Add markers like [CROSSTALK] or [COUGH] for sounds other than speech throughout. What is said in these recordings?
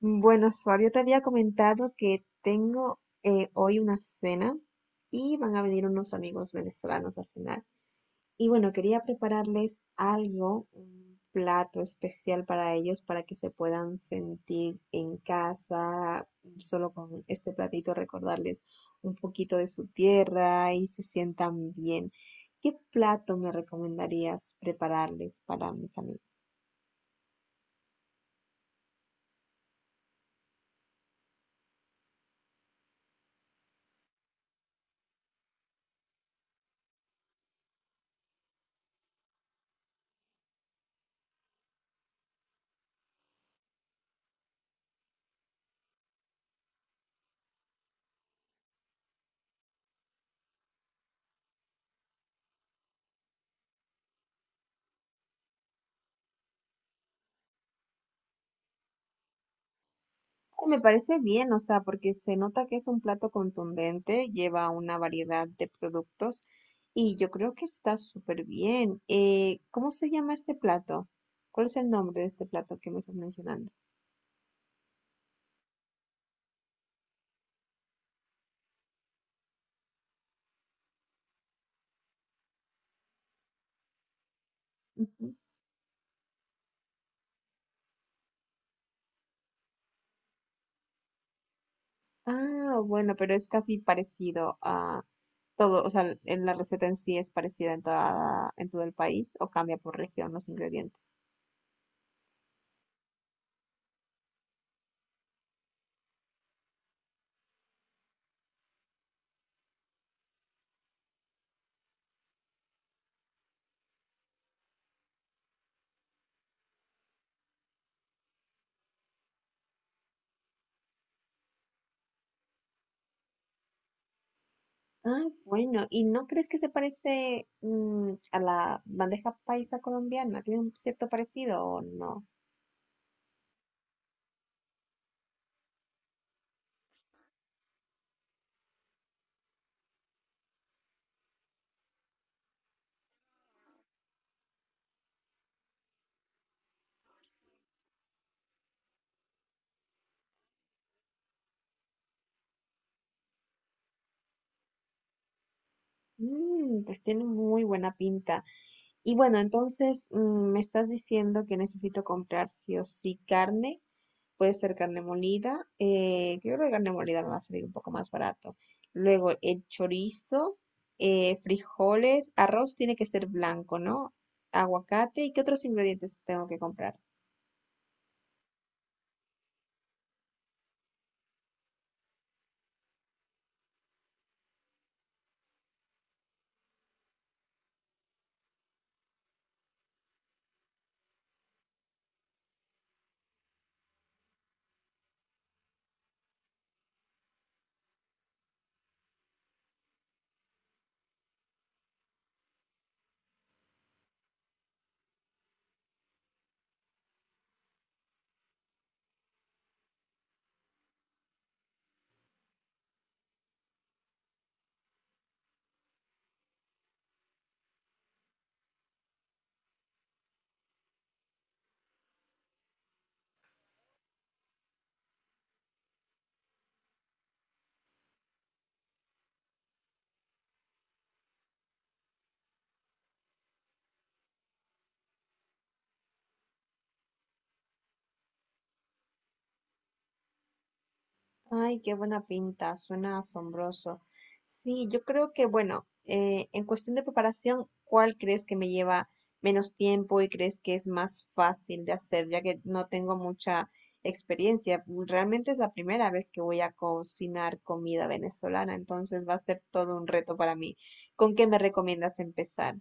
Bueno, Suar, yo te había comentado que tengo hoy una cena y van a venir unos amigos venezolanos a cenar. Y bueno, quería prepararles algo, un plato especial para ellos, para que se puedan sentir en casa, solo con este platito recordarles un poquito de su tierra y se sientan bien. ¿Qué plato me recomendarías prepararles para mis amigos? Me parece bien, o sea, porque se nota que es un plato contundente, lleva una variedad de productos y yo creo que está súper bien. ¿Cómo se llama este plato? ¿Cuál es el nombre de este plato que me estás mencionando? Ujú. Ah, bueno, pero es casi parecido a todo, o sea, en la receta en sí es parecida en toda, en todo el país o cambia por región los ingredientes. Ah, bueno, ¿y no crees que se parece a la bandeja paisa colombiana? ¿Tiene un cierto parecido o no? Mm, pues tiene muy buena pinta. Y bueno, entonces me estás diciendo que necesito comprar sí o sí carne. Puede ser carne molida. Yo creo que carne molida me va a salir un poco más barato. Luego el chorizo, frijoles, arroz tiene que ser blanco, ¿no? Aguacate. ¿Y qué otros ingredientes tengo que comprar? Ay, qué buena pinta, suena asombroso. Sí, yo creo que, bueno, en cuestión de preparación, ¿cuál crees que me lleva menos tiempo y crees que es más fácil de hacer, ya que no tengo mucha experiencia? Realmente es la primera vez que voy a cocinar comida venezolana, entonces va a ser todo un reto para mí. ¿Con qué me recomiendas empezar?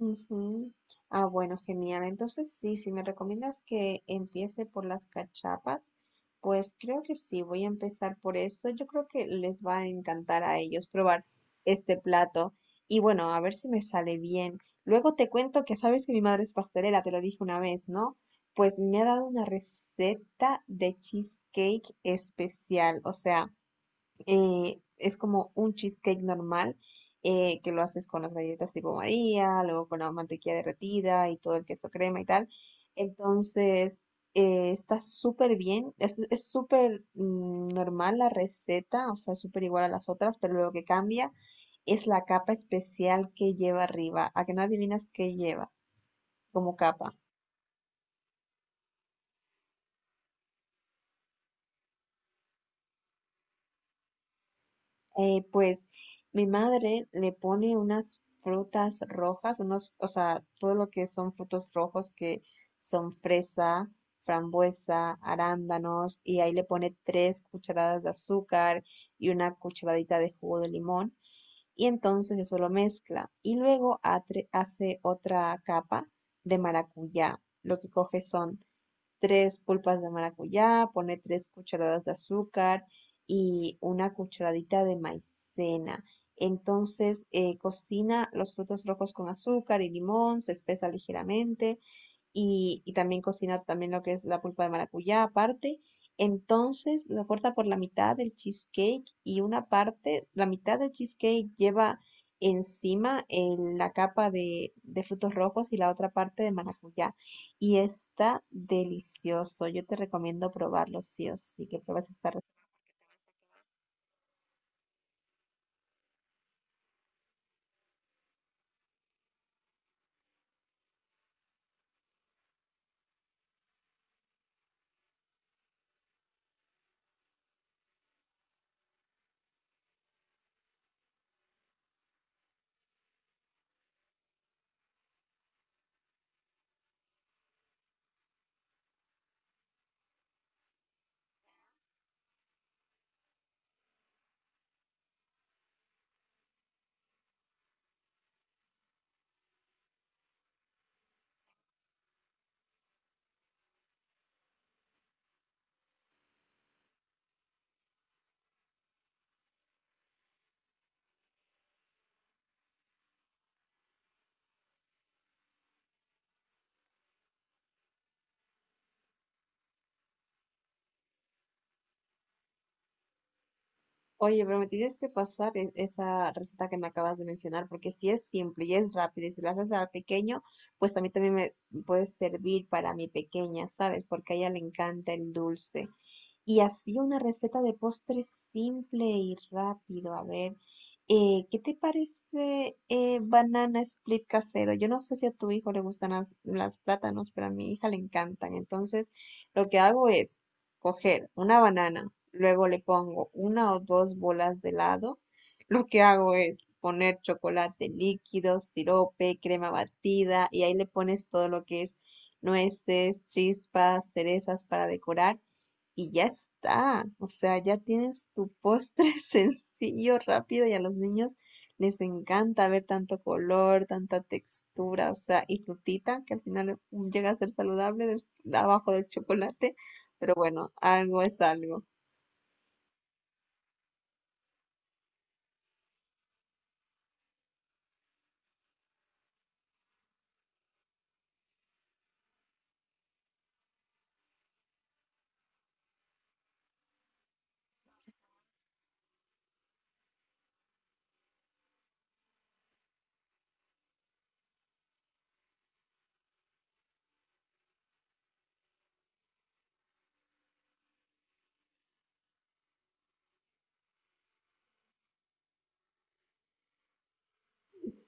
Ujú. Ah, bueno, genial. Entonces, sí, si me recomiendas que empiece por las cachapas, pues creo que sí, voy a empezar por eso. Yo creo que les va a encantar a ellos probar este plato. Y bueno, a ver si me sale bien. Luego te cuento que sabes que mi madre es pastelera, te lo dije una vez, ¿no? Pues me ha dado una receta de cheesecake especial. O sea, es como un cheesecake normal que lo haces con las galletas tipo María, luego con la mantequilla derretida y todo el queso crema y tal. Entonces, está súper bien, es súper normal la receta, o sea, súper igual a las otras, pero lo que cambia es la capa especial que lleva arriba. ¿A que no adivinas qué lleva como capa? Pues mi madre le pone unas frutas rojas, unos, o sea, todo lo que son frutos rojos que son fresa, frambuesa, arándanos, y ahí le pone tres cucharadas de azúcar y una cucharadita de jugo de limón, y entonces eso lo mezcla. Y luego hace otra capa de maracuyá. Lo que coge son tres pulpas de maracuyá, pone tres cucharadas de azúcar y una cucharadita de maicena. Entonces cocina los frutos rojos con azúcar y limón, se espesa ligeramente y también cocina también lo que es la pulpa de maracuyá aparte. Entonces lo corta por la mitad del cheesecake y una parte, la mitad del cheesecake lleva encima la capa de frutos rojos y la otra parte de maracuyá. Y está delicioso. Yo te recomiendo probarlo sí o sí, que pruebes esta receta. Oye, pero me tienes que pasar esa receta que me acabas de mencionar, porque si es simple y es rápido y si la haces al pequeño, pues a mí también me puede servir para mi pequeña, ¿sabes? Porque a ella le encanta el dulce. Y así una receta de postre simple y rápido. A ver, ¿qué te parece banana split casero? Yo no sé si a tu hijo le gustan las plátanos, pero a mi hija le encantan. Entonces, lo que hago es coger una banana, luego le pongo una o dos bolas de helado. Lo que hago es poner chocolate líquido, sirope, crema batida y ahí le pones todo lo que es nueces, chispas, cerezas para decorar y ya está. O sea, ya tienes tu postre [LAUGHS] sencillo, rápido y a los niños les encanta ver tanto color, tanta textura, o sea, y frutita, que al final llega a ser saludable abajo del chocolate, pero bueno, algo es algo.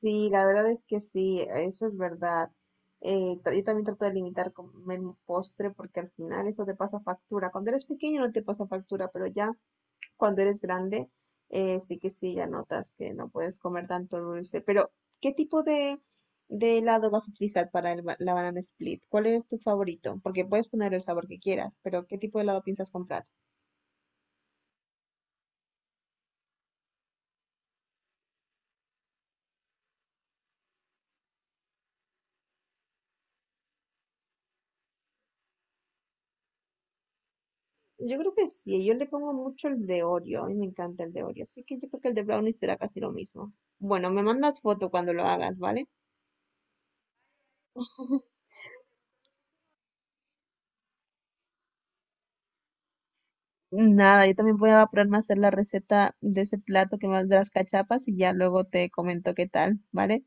Sí, la verdad es que sí, eso es verdad. Yo también trato de limitar comer un postre porque al final eso te pasa factura. Cuando eres pequeño no te pasa factura, pero ya cuando eres grande, sí que sí, ya notas que no puedes comer tanto dulce. Pero, ¿qué tipo de helado vas a utilizar para la banana split? ¿Cuál es tu favorito? Porque puedes poner el sabor que quieras, pero ¿qué tipo de helado piensas comprar? Yo creo que sí, yo le pongo mucho el de Oreo, a mí me encanta el de Oreo, así que yo creo que el de brownie será casi lo mismo. Bueno, me mandas foto cuando lo hagas, ¿vale? [LAUGHS] Nada, yo también voy a ponerme a hacer la receta de ese plato que más de las cachapas y ya luego te comento qué tal, ¿vale?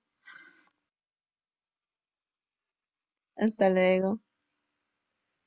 Hasta luego.